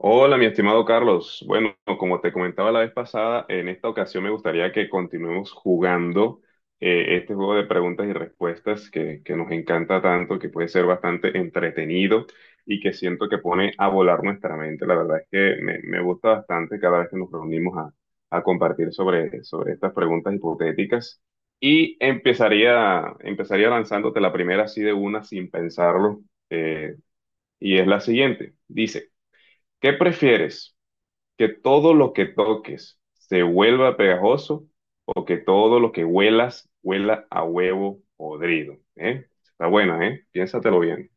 Hola, mi estimado Carlos. Bueno, como te comentaba la vez pasada, en esta ocasión me gustaría que continuemos jugando este juego de preguntas y respuestas que nos encanta tanto, que puede ser bastante entretenido y que siento que pone a volar nuestra mente. La verdad es que me gusta bastante cada vez que nos reunimos a compartir sobre estas preguntas hipotéticas. Y empezaría lanzándote la primera así de una sin pensarlo, eh, y es la siguiente. Dice, ¿qué prefieres? Que todo lo que toques se vuelva pegajoso o que todo lo que huelas huela a huevo podrido, ¿eh? Está buena, ¿eh? Piénsatelo bien.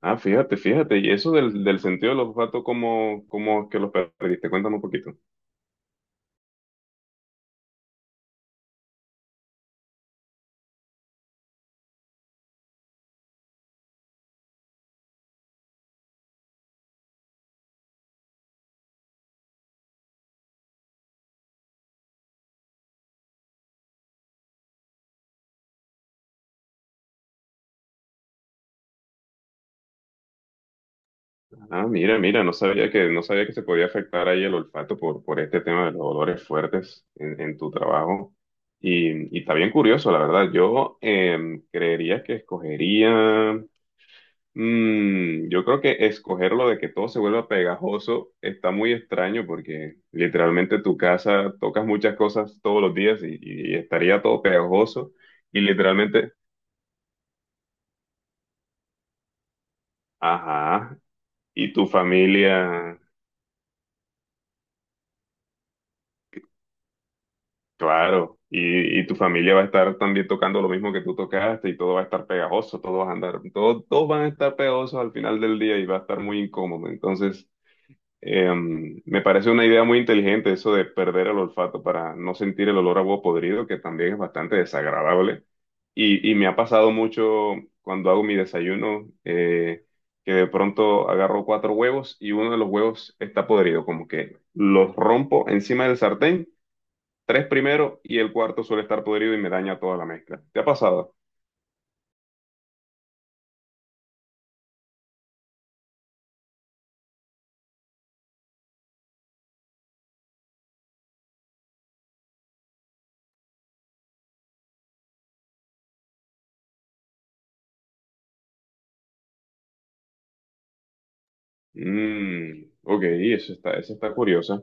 Ah, fíjate, fíjate. Y eso del sentido del olfato, ¿cómo es que lo perdiste? Cuéntame un poquito. Ah, mira, mira, no sabía que se podía afectar ahí el olfato por este tema de los olores fuertes en tu trabajo. Y está bien curioso, la verdad. Yo creería que escogería. Mm, yo creo que escoger lo de que todo se vuelva pegajoso está muy extraño porque literalmente tu casa tocas muchas cosas todos los días y estaría todo pegajoso y literalmente, ajá, y tu familia, claro, y tu familia va a estar también tocando lo mismo que tú tocaste y todo va a estar pegajoso, todo va a andar, todo, todos van a estar pegajosos al final del día y va a estar muy incómodo. Entonces... me parece una idea muy inteligente eso de perder el olfato para no sentir el olor a huevo podrido, que también es bastante desagradable. Y me ha pasado mucho cuando hago mi desayuno, que de pronto agarro cuatro huevos y uno de los huevos está podrido, como que los rompo encima del sartén, tres primero y el cuarto suele estar podrido y me daña toda la mezcla. ¿Te ha pasado? Mm, ok, eso está curiosa.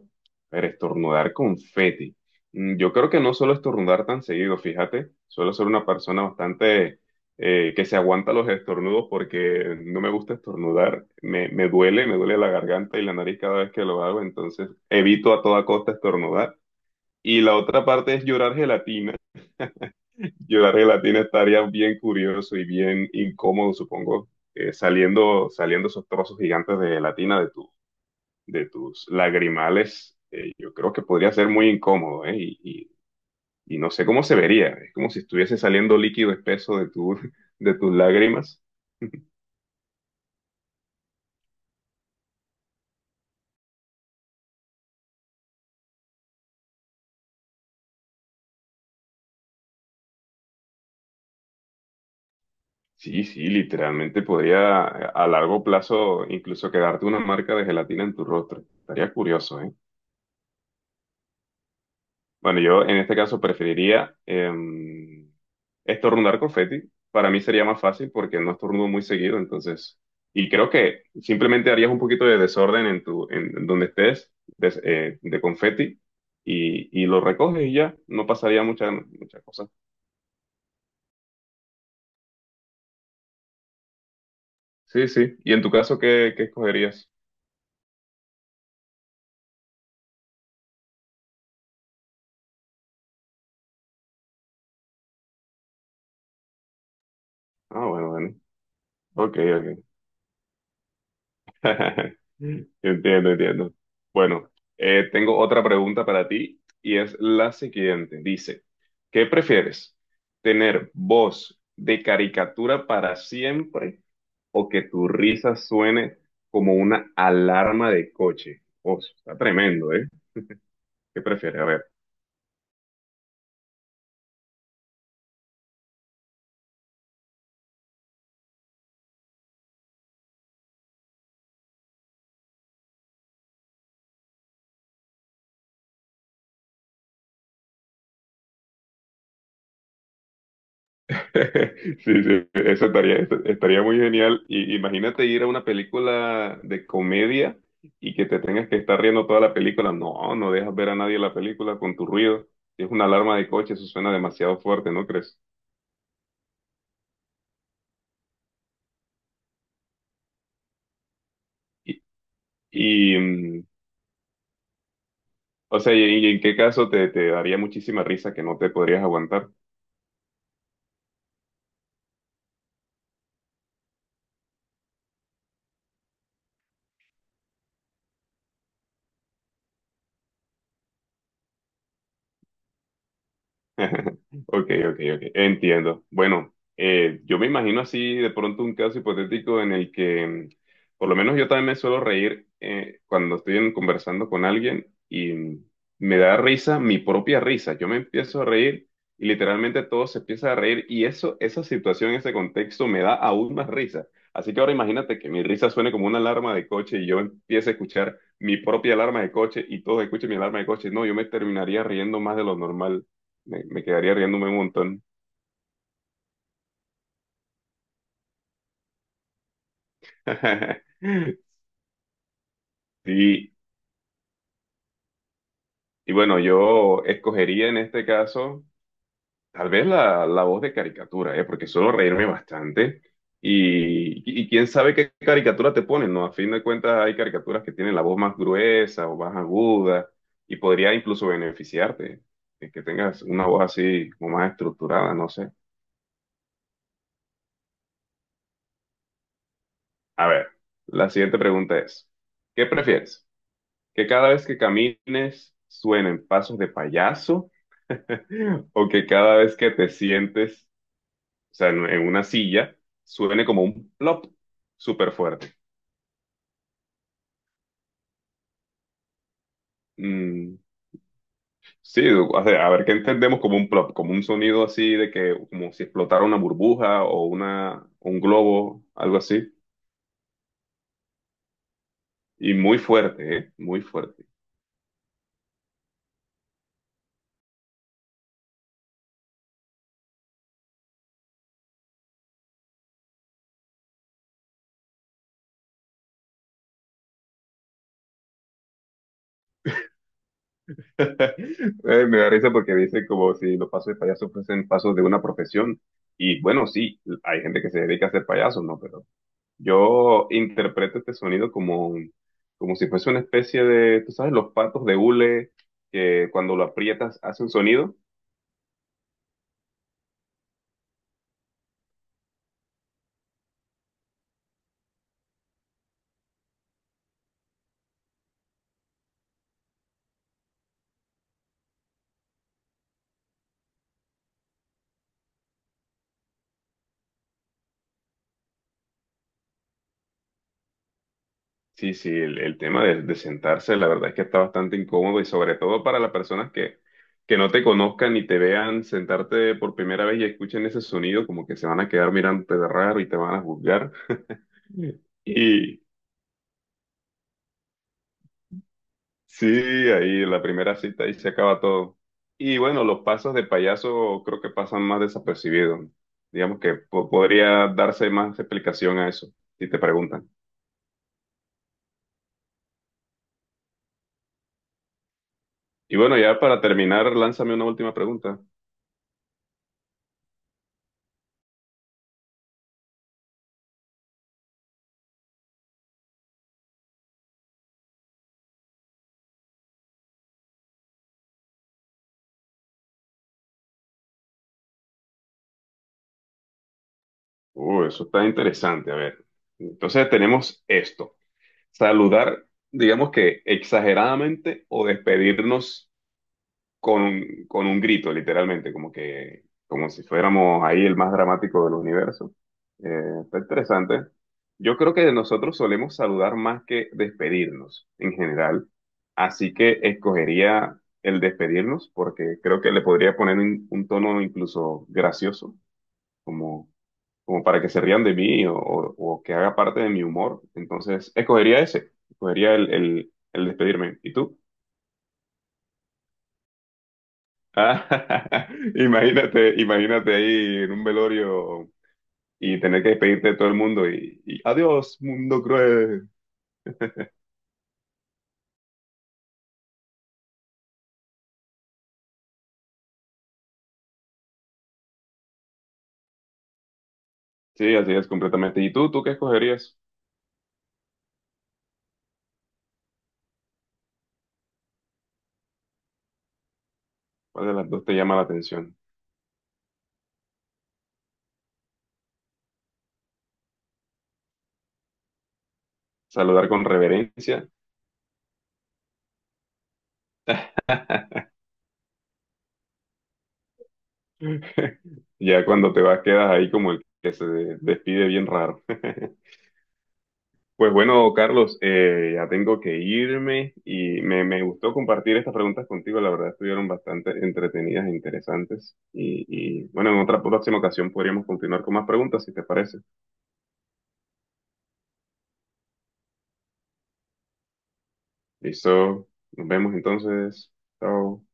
Pero estornudar confeti. Mm, yo creo que no suelo estornudar tan seguido, fíjate. Suelo ser una persona bastante que se aguanta los estornudos porque no me gusta estornudar. Me duele la garganta y la nariz cada vez que lo hago, entonces evito a toda costa estornudar. Y la otra parte es llorar gelatina. Llorar gelatina estaría bien curioso y bien incómodo, supongo, saliendo esos trozos gigantes de gelatina de tu de tus lagrimales, yo creo que podría ser muy incómodo, ¿eh? Y no sé cómo se vería, es como si estuviese saliendo líquido espeso de tu, de tus lágrimas. Sí, sí, literalmente podría a largo plazo incluso quedarte una marca de gelatina en tu rostro. Estaría curioso, ¿eh? Bueno, yo en este caso preferiría estornudar confeti. Para mí sería más fácil porque no estornudo muy seguido, entonces. Y creo que simplemente harías un poquito de desorden en en donde estés, confeti, y lo recoges y ya, no pasaría mucha cosa. Sí, sí. ¿Y en tu caso qué escogerías? Ah, bueno, bueno. Ok, ok. Entiendo, entiendo. Bueno, tengo otra pregunta para ti y es la siguiente. Dice, ¿qué prefieres? ¿Tener voz de caricatura para siempre o que tu risa suene como una alarma de coche? Oh, está tremendo, ¿eh? ¿Qué prefieres? A ver. Sí, sí, estaría muy genial. Y imagínate ir a una película de comedia y que te tengas que estar riendo toda la película. No, no dejas ver a nadie la película con tu ruido. Si es una alarma de coche, eso suena demasiado fuerte, ¿no crees? Y, y mm, o sea, y en qué caso te daría muchísima risa que no te podrías aguantar? Ok, ok, ok, entiendo. Bueno, yo me imagino así de pronto un caso hipotético en el que, mm, por lo menos yo también me suelo reír cuando estoy en- conversando con alguien y mm, me da risa mi propia risa. Yo me empiezo a reír y literalmente todo se empieza a reír y eso, esa situación, ese contexto me da aún más risa. Así que ahora imagínate que mi risa suene como una alarma de coche y yo empiece a escuchar mi propia alarma de coche y todos escuchen mi alarma de coche. No, yo me terminaría riendo más de lo normal, me quedaría riéndome un montón. Y, y bueno, yo escogería en este caso tal vez la voz de caricatura, ¿eh? Porque suelo reírme bastante. Y, quién sabe qué caricatura te ponen, ¿no? A fin de cuentas hay caricaturas que tienen la voz más gruesa o más aguda y podría incluso beneficiarte de que tengas una voz así como más estructurada, no sé. A ver, la siguiente pregunta es, ¿qué prefieres? ¿Que cada vez que camines suenen pasos de payaso? ¿O que cada vez que te sientes, o sea, en una silla, suene como un plop súper fuerte? Mm, sí, o sea, a ver qué entendemos como un plop, como un sonido así de que, como si explotara una burbuja o una, un globo, algo así. Y muy fuerte, ¿eh? Muy fuerte. Me da risa porque dice como si los pasos de payaso fuesen pasos de una profesión. Y bueno, sí, hay gente que se dedica a ser payaso, ¿no? Pero yo interpreto este sonido como, un- como si fuese una especie de, tú sabes, los patos de hule que cuando lo aprietas hace un sonido. Sí, sí, el tema de sentarse, la verdad es que está bastante incómodo y sobre todo para las personas que no te conozcan y te vean sentarte por primera vez y escuchen ese sonido, como que se van a quedar mirándote de raro y te van a juzgar. Y, sí, ahí la primera cita, ahí se acaba todo. Y bueno, los pasos de payaso creo que pasan más desapercibidos. Digamos que po- podría darse más explicación a eso, si te preguntan. Y bueno, ya para terminar, lánzame una última pregunta. Eso está interesante, a ver. Entonces tenemos esto, saludar, digamos que exageradamente o despedirnos con un grito, literalmente, como que, como si fuéramos ahí el más dramático del universo. Eh, está interesante. Yo creo que nosotros solemos saludar más que despedirnos en general, así que escogería el despedirnos porque creo que le podría poner un tono incluso gracioso, como, como para que se rían de mí o que haga parte de mi humor. Entonces, escogería ese, escogería el despedirme. ¿Y tú? Ah, imagínate, imagínate ahí en un velorio y tener que despedirte de todo el mundo y adiós, mundo cruel. Sí, así es completamente. ¿Y tú qué escogerías? ¿Cuál de las dos te llama la atención? ¿Saludar con reverencia? Ya cuando te vas quedas ahí como el que se despide bien raro. Pues bueno, Carlos, ya tengo que irme y me gustó compartir estas preguntas contigo. La verdad, estuvieron bastante entretenidas e interesantes. Y bueno, en otra próxima ocasión podríamos continuar con más preguntas, si te parece. Listo, nos vemos entonces. Chao.